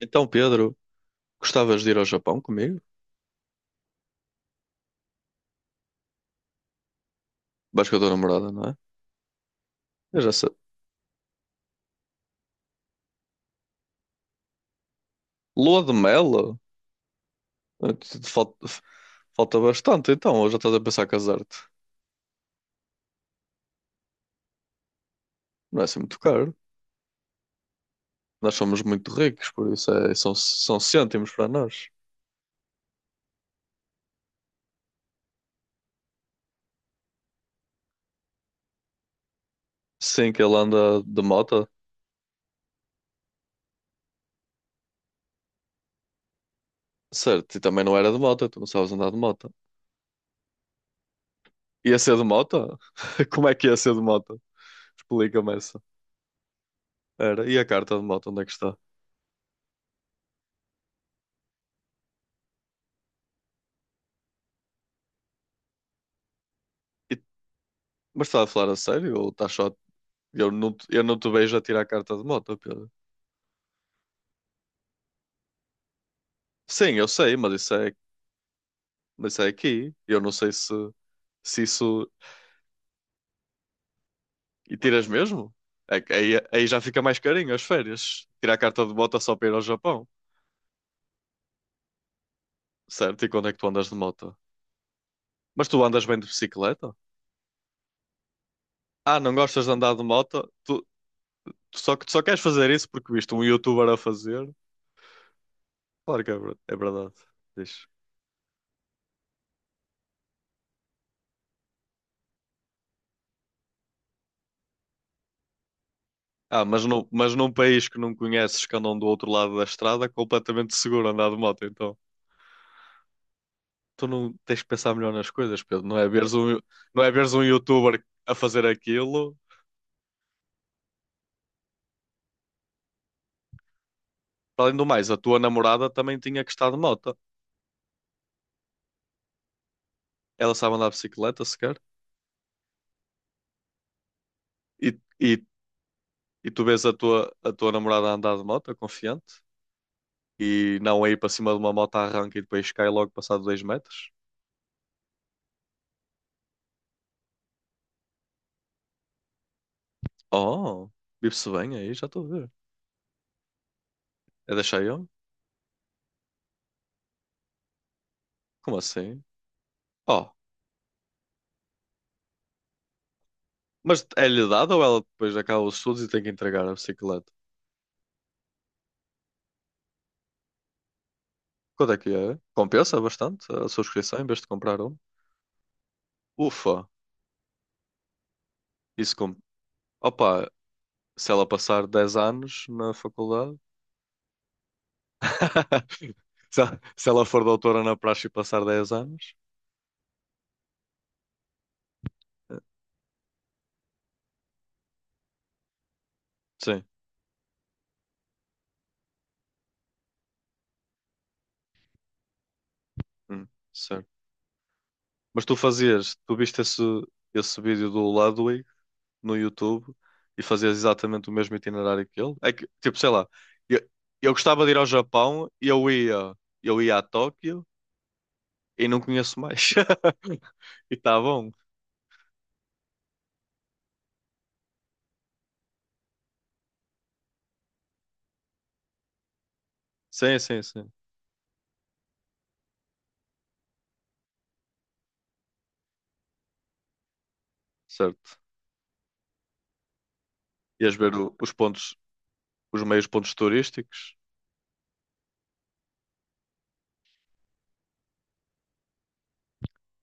Então, Pedro, gostavas de ir ao Japão comigo? Vais com a tua namorada, não é? Eu já sei. Lua de mel? Falta, falta bastante, então. Ou já estás a pensar casar-te? Não é assim muito caro. Nós somos muito ricos, por isso são cêntimos para nós. Sim, que ele anda de moto. Certo, e também não era de moto, tu não sabes andar de moto. Ia ser de moto? Como é que ia ser de moto? Explica-me essa. Era. E a carta de moto, onde é que está? E- mas estás a falar a sério ou estás só a eu não te vejo a tirar a carta de moto, Pedro. Sim, eu sei, mas mas isso é aqui. Eu não sei se isso. E tiras mesmo? É que aí já fica mais carinho as férias. Tirar a carta de moto só para ir ao Japão. Certo? E quando é que tu andas de moto? Mas tu andas bem de bicicleta? Ah, não gostas de andar de moto? Tu só queres fazer isso porque viste um youtuber a fazer? Claro que é, é verdade. Diz. Ah, mas num país que não conheces, que andam do outro lado da estrada, é completamente seguro andar de moto, então. Tu não tens que pensar melhor nas coisas, Pedro. Não é veres um youtuber a fazer aquilo. Além do mais, a tua namorada também tinha que estar de moto. Ela sabe andar de bicicleta sequer. E, e, e tu vês a tua namorada a andar de moto, confiante, e não a ir para cima de uma moto à arranca e depois cai logo passado 2 metros. Oh, vive-se bem aí, já estou a ver. É da Xiaomi? Como assim? Oh, mas é-lhe dado ou ela depois acaba os estudos e tem que entregar a bicicleta? Quanto é que é? Compensa bastante a subscrição em vez de comprar um? Ufa, isso com... Opa, se ela passar 10 anos na faculdade, se ela for doutora na praxe e passar 10 anos, eh, sim, hum, certo. Mas tu fazias, tu viste esse vídeo do Ludwig no YouTube e fazias exatamente o mesmo itinerário que ele? É que, tipo, sei lá, eu, eu gostava de ir ao Japão e eu ia a Tóquio e não conheço mais. E tá bom. Sim, sim, sim. Certo. Ias os pontos, os meios pontos turísticos.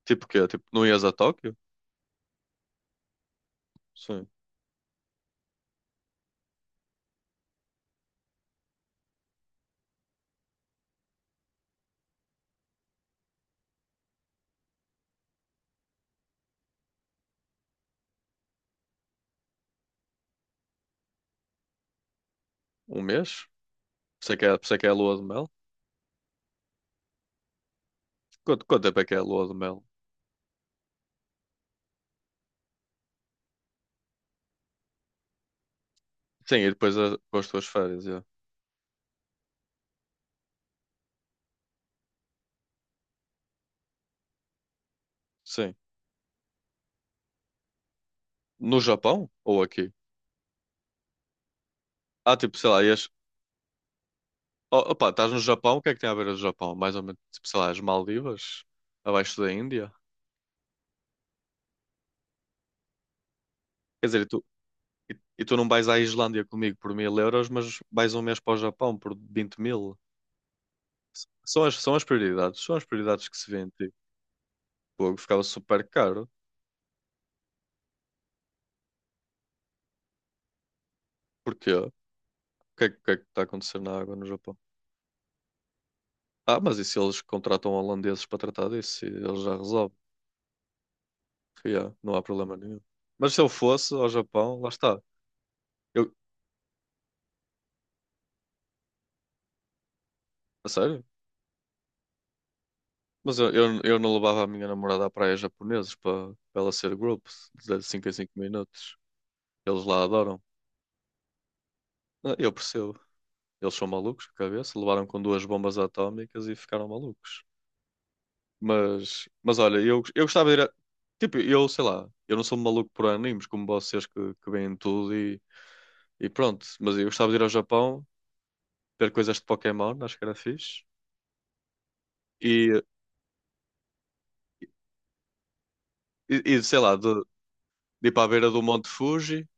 Tipo o quê? Tipo, não ias a Tóquio? Sim. Um mês? Por isso é que é a lua de mel? Quanto tempo é que é a lua de mel? Sim, e depois a, com as tuas férias, é. Sim. No Japão ou aqui? Ah, tipo, sei lá, ias. Oh, opa, estás no Japão, o que é que tem a ver o Japão? Mais ou menos, tipo, sei lá, as Maldivas? Abaixo da Índia? Quer dizer, e tu não vais à Islândia comigo por 1.000 euros, mas vais 1 mês para o Japão por 20.000? São as prioridades que se vêem, tipo, pô, ficava super caro. Porquê? O que é que está a acontecer na água no Japão? Ah, mas e se eles contratam holandeses para tratar disso? E eles já resolvem. Yeah, não há problema nenhum. Mas se eu fosse ao Japão, lá está. Eu, a sério? Mas eu não levava a minha namorada à praia japonesa para ela ser grupo de 5 em 5 minutos. Eles lá adoram. Ah, eu percebo. Eles são malucos de cabeça, levaram com duas bombas atómicas e ficaram malucos. Mas olha, eu gostava de ir a... Tipo, eu sei lá, eu não sou um maluco por animes como vocês que veem tudo e pronto. Mas eu gostava de ir ao Japão, ver coisas de Pokémon, acho que era fixe. E, sei lá, de ir para a beira do Monte Fuji,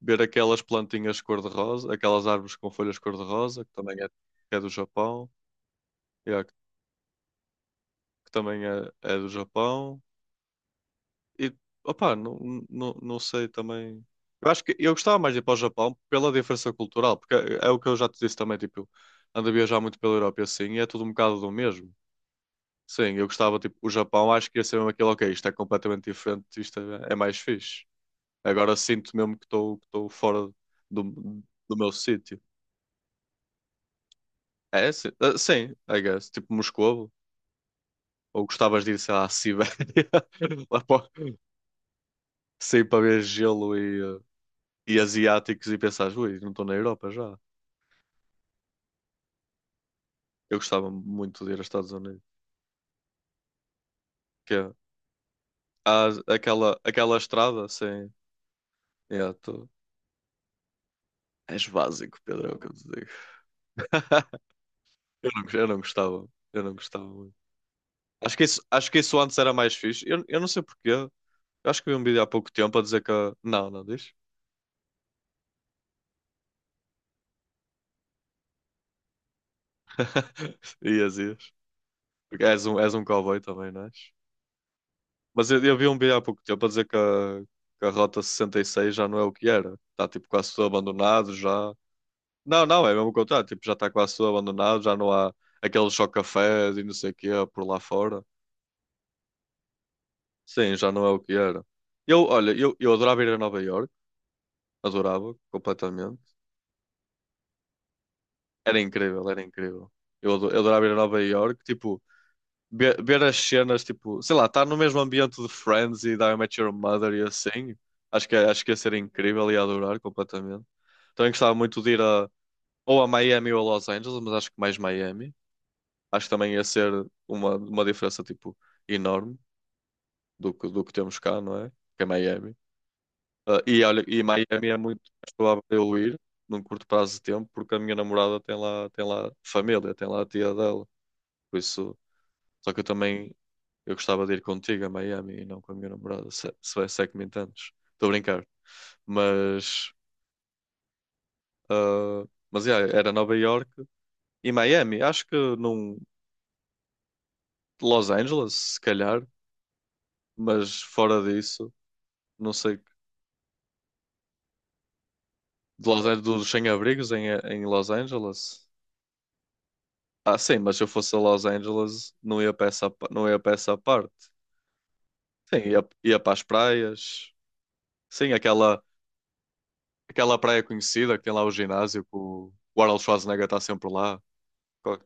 ver aquelas plantinhas cor-de-rosa, aquelas árvores com folhas cor-de-rosa, que que é do Japão, yeah, que também é do Japão. E, opá, não sei também. Eu acho que eu gostava mais de ir para o Japão pela diferença cultural, porque é, é o que eu já te disse também, tipo, ando a viajar muito pela Europa e assim, e é tudo um bocado do mesmo. Sim, eu gostava, tipo, o Japão, acho que ia ser mesmo aquilo, ok, isto é completamente diferente, isto é, é mais fixe. Agora sinto mesmo que estou fora do, do meu sítio. É, sim, ah, sim, I guess, tipo Moscovo, ou gostavas de ir, sei lá, à Sibéria, lá para, sim, para ver gelo e e asiáticos e pensares, ui, não estou na Europa já. Eu gostava muito de ir aos Estados Unidos. Que é, há aquela estrada sem. Yeah, és básico, Pedro, é o que eu te digo. Eu não gostava. Eu não gostava muito. Acho que isso antes era mais fixe. Eu não sei porquê. Eu acho que vi um vídeo há pouco tempo a dizer que. Não, não diz? Ias, ias. Porque és um cowboy também, não és? Mas eu vi um vídeo há pouco tempo a dizer que a Rota 66 já não é o que era. Está tipo quase tudo abandonado já. Não, não, é mesmo o contrário. Tipo, já está quase tudo abandonado, já não há aqueles chocafés e não sei o quê por lá fora. Sim, já não é o que era. Eu, olha, eu adorava ir a Nova Iorque, adorava completamente. Era incrível, era incrível. Eu, eu adorava ir a Nova Iorque, tipo, ver as cenas, tipo, sei lá, estar no mesmo ambiente de Friends e de How I Met Your Mother e assim. Acho que, é, acho que ia ser incrível e ia adorar completamente. Também gostava muito de ir a, ou a Miami ou a Los Angeles, mas acho que mais Miami. Acho que também ia ser uma diferença tipo enorme do que temos cá, não é? Que é Miami. Ah, e olha, e Miami é muito mais provável eu ir num curto prazo de tempo porque a minha namorada tem lá família, tem lá a tia dela. Por isso, só que eu gostava de ir contigo a Miami e não com a minha namorada, se é que me entendes. Estou a brincar. Mas, ah, mas yeah, era Nova York e Miami. Acho que num Los Angeles, se calhar, mas fora disso. Não sei de Los Angeles, dos sem-abrigos em Los Angeles? Ah, sim, mas se eu fosse a Los Angeles, não ia para não ia para essa parte. Sim, ia, ia para as praias. Sim, aquela, aquela praia conhecida que tem lá o ginásio, que o Arnold Schwarzenegger está sempre lá. Co-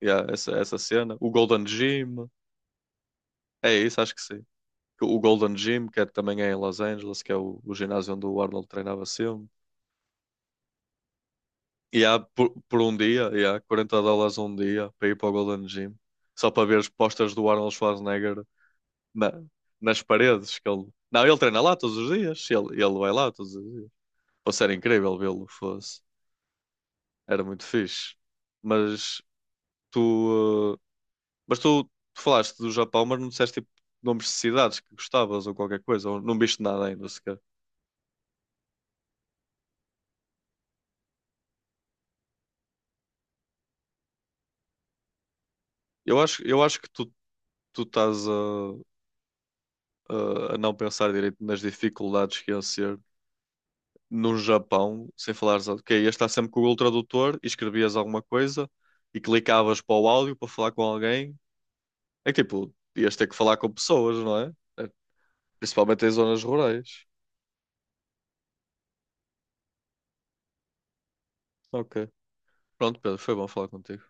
Yeah, essa cena. O Golden Gym. É isso, acho que sim. O Golden Gym, que é- também é em Los Angeles, que é o ginásio onde o Arnold treinava sempre. E há por um dia, e há US$ 40 um dia para ir para o Golden Gym, só para ver as postas do Arnold Schwarzenegger na- nas paredes. Que ele... Não, ele treina lá todos os dias, ele vai lá todos os dias. Fosse era incrível vê-lo, fosse. Era muito fixe. Mas tu, eh, mas tu, tu falaste do Japão, mas não disseste tipo, nomes de cidades que gostavas ou qualquer coisa, ou não viste nada ainda sequer. Eu acho que tu, tu estás a não pensar direito nas dificuldades que iam ser no Japão, sem falares, ok, ias estar sempre com o Google Tradutor e escrevias alguma coisa e clicavas para o áudio para falar com alguém. É que, tipo, ias ter que falar com pessoas, não é? É, principalmente em zonas rurais. Ok. Pronto, Pedro, foi bom falar contigo.